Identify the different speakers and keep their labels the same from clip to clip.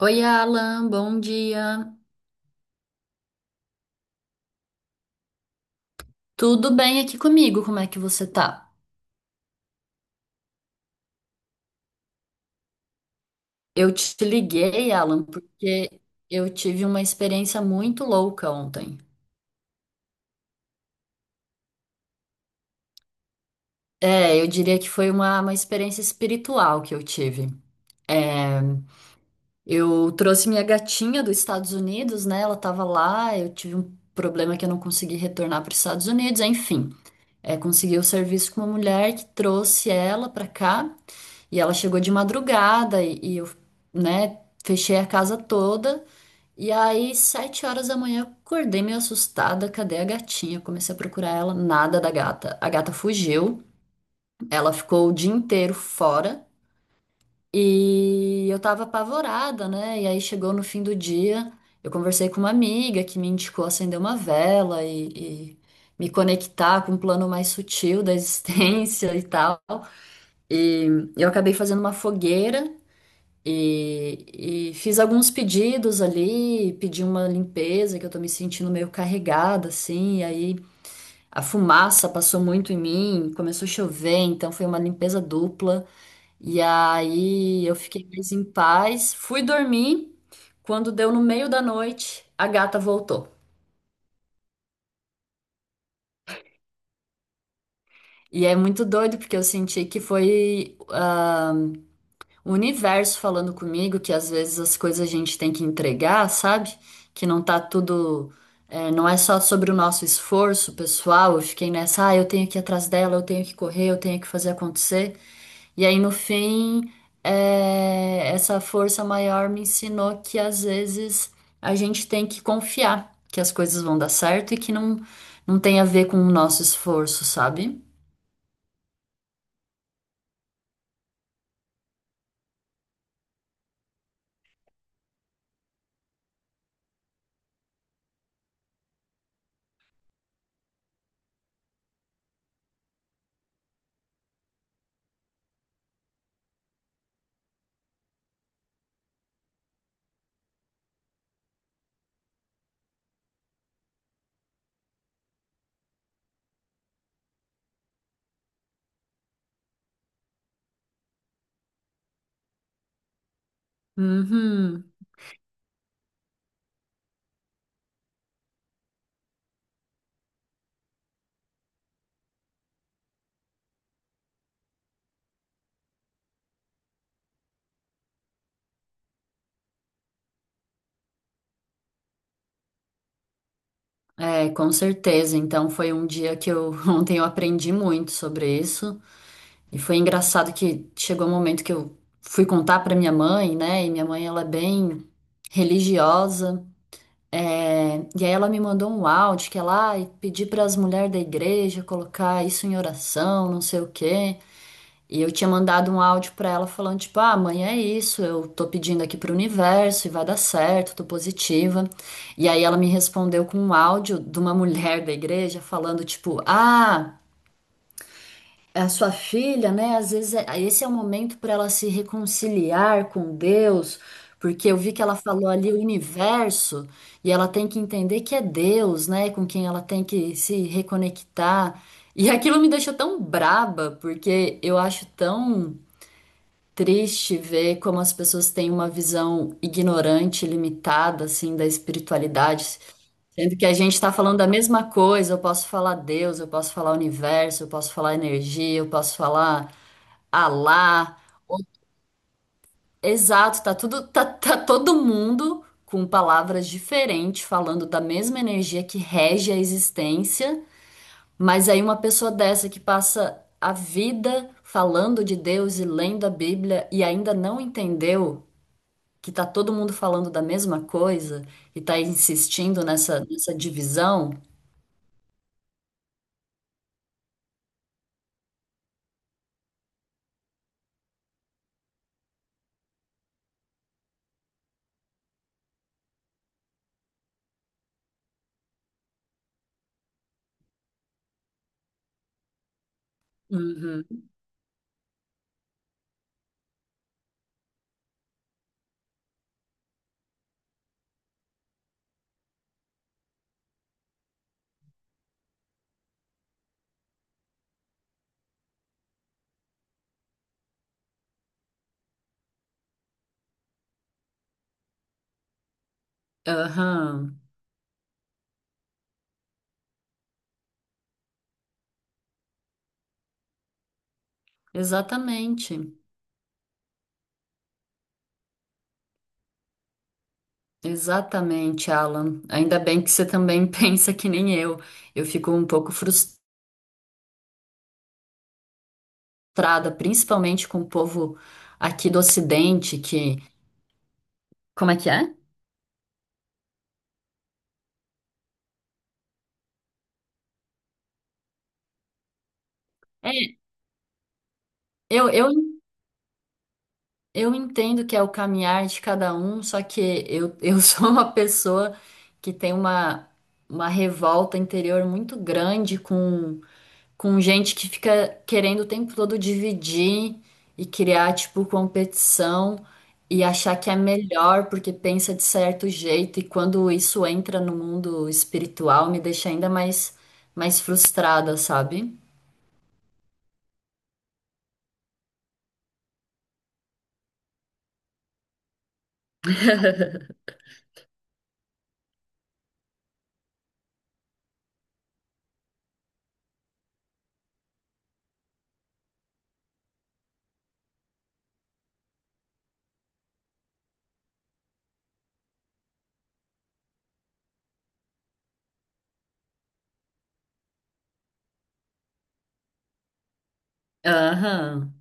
Speaker 1: Oi, Alan, bom dia. Tudo bem aqui comigo? Como é que você tá? Eu te liguei, Alan, porque eu tive uma experiência muito louca ontem. É, eu diria que foi uma experiência espiritual que eu tive. É, Eu trouxe minha gatinha dos Estados Unidos, né? Ela tava lá, eu tive um problema que eu não consegui retornar para os Estados Unidos, enfim. É, conseguiu o serviço com uma mulher que trouxe ela pra cá e ela chegou de madrugada e eu, né, fechei a casa toda. E aí, 7 horas da manhã, eu acordei meio assustada. Cadê a gatinha? Comecei a procurar ela, nada da gata. A gata fugiu, ela ficou o dia inteiro fora. E eu tava apavorada, né? E aí chegou no fim do dia, eu conversei com uma amiga que me indicou acender uma vela e me conectar com um plano mais sutil da existência e tal. E eu acabei fazendo uma fogueira e, e fiz alguns pedidos ali, pedi uma limpeza, que eu tô me sentindo meio carregada, assim, e aí a fumaça passou muito em mim, começou a chover, então foi uma limpeza dupla. E aí eu fiquei mais em paz, fui dormir. Quando deu no meio da noite, a gata voltou. E é muito doido porque eu senti que foi. O universo falando comigo que às vezes as coisas a gente tem que entregar, sabe? Que não tá tudo. É, não é só sobre o nosso esforço pessoal. Eu fiquei nessa, ah, eu tenho que ir atrás dela, eu tenho que correr, eu tenho que fazer acontecer. E aí no fim, é, essa força maior me ensinou que às vezes a gente tem que confiar que as coisas vão dar certo e que não, não tem a ver com o nosso esforço, sabe? Uhum. É, com certeza. Então foi um dia que eu ontem eu aprendi muito sobre isso e foi engraçado que chegou um momento que eu fui contar para minha mãe, né? E minha mãe ela é bem religiosa. É, e aí ela me mandou um áudio que ela ah, pedi para as mulheres da igreja colocar isso em oração, não sei o quê. E eu tinha mandado um áudio pra ela falando, tipo, ah, mãe, é isso, eu tô pedindo aqui pro universo e vai dar certo, tô positiva. E aí ela me respondeu com um áudio de uma mulher da igreja falando, tipo, ah, a sua filha, né, às vezes esse é o momento pra ela se reconciliar com Deus, porque eu vi que ela falou ali o universo e ela tem que entender que é Deus, né, com quem ela tem que se reconectar. E aquilo me deixou tão braba, porque eu acho tão triste ver como as pessoas têm uma visão ignorante, limitada, assim, da espiritualidade, sendo que a gente está falando da mesma coisa. Eu posso falar Deus, eu posso falar universo, eu posso falar energia, eu posso falar Alá. Exato, tá tudo, tá todo mundo com palavras diferentes, falando da mesma energia que rege a existência, mas aí uma pessoa dessa que passa a vida falando de Deus e lendo a Bíblia e ainda não entendeu que tá todo mundo falando da mesma coisa e tá insistindo nessa divisão. Uhum. Aham. Exatamente. Exatamente, Alan. Ainda bem que você também pensa que nem eu. Eu fico um pouco frustrada, principalmente com o povo aqui do Ocidente, que. Como é que é? É, eu Eu entendo que é o caminhar de cada um, só que eu sou uma pessoa que tem uma revolta interior muito grande com gente que fica querendo o tempo todo dividir e criar, tipo, competição e achar que é melhor porque pensa de certo jeito. E quando isso entra no mundo espiritual, me deixa ainda mais, mais frustrada, sabe? Aham,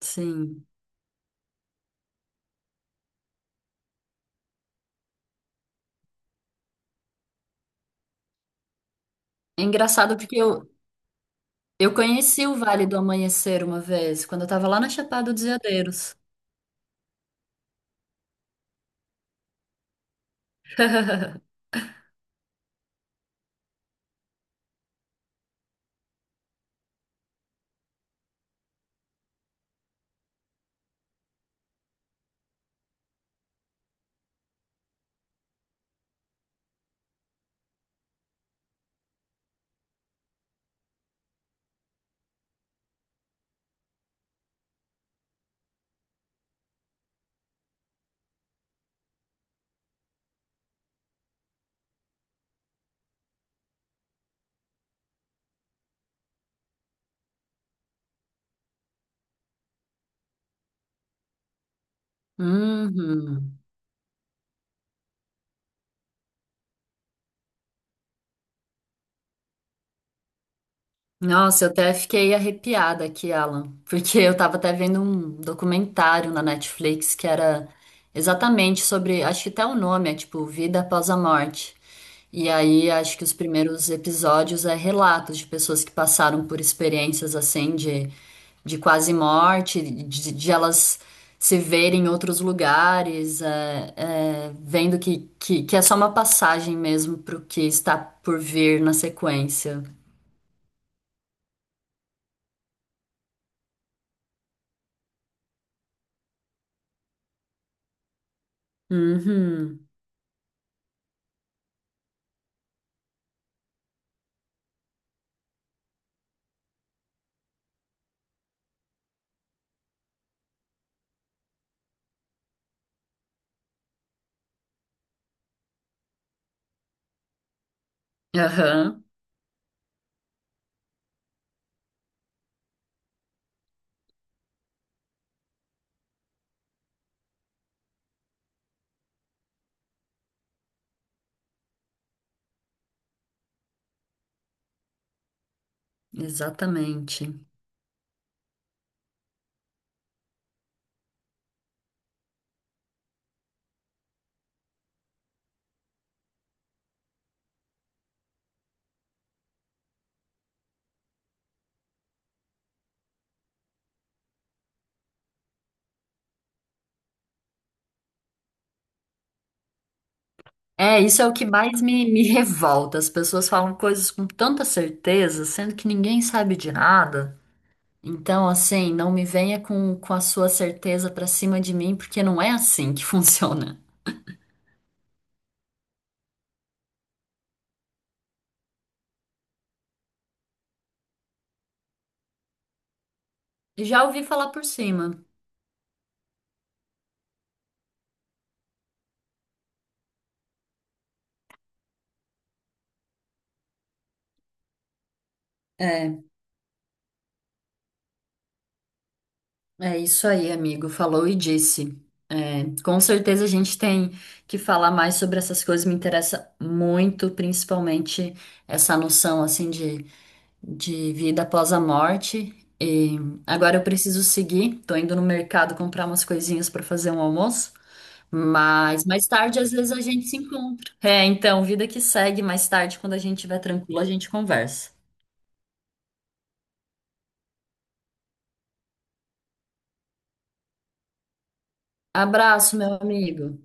Speaker 1: sim. É engraçado Eu conheci o Vale do Amanhecer uma vez, quando eu estava lá na Chapada dos Veadeiros. Uhum. Nossa, eu até fiquei arrepiada aqui, Alan, porque eu tava até vendo um documentário na Netflix que era exatamente sobre, acho que até o nome é tipo Vida Após a Morte. E aí acho que os primeiros episódios é relatos de pessoas que passaram por experiências assim de quase morte, de elas se verem em outros lugares, vendo que é só uma passagem mesmo pro que está por vir na sequência. Uhum. Aham, exatamente. É, isso é o que mais me, me revolta. As pessoas falam coisas com tanta certeza, sendo que ninguém sabe de nada. Então, assim, não me venha com a sua certeza pra cima de mim, porque não é assim que funciona. Já ouvi falar por cima. É, É isso aí, amigo. Falou e disse. É, com certeza a gente tem que falar mais sobre essas coisas. Me interessa muito, principalmente essa noção, assim, de vida após a morte. E agora eu preciso seguir. Tô indo no mercado comprar umas coisinhas para fazer um almoço. Mas mais tarde, às vezes, a gente se encontra. É, então, vida que segue. Mais tarde, quando a gente estiver tranquilo, a gente conversa. Abraço, meu amigo.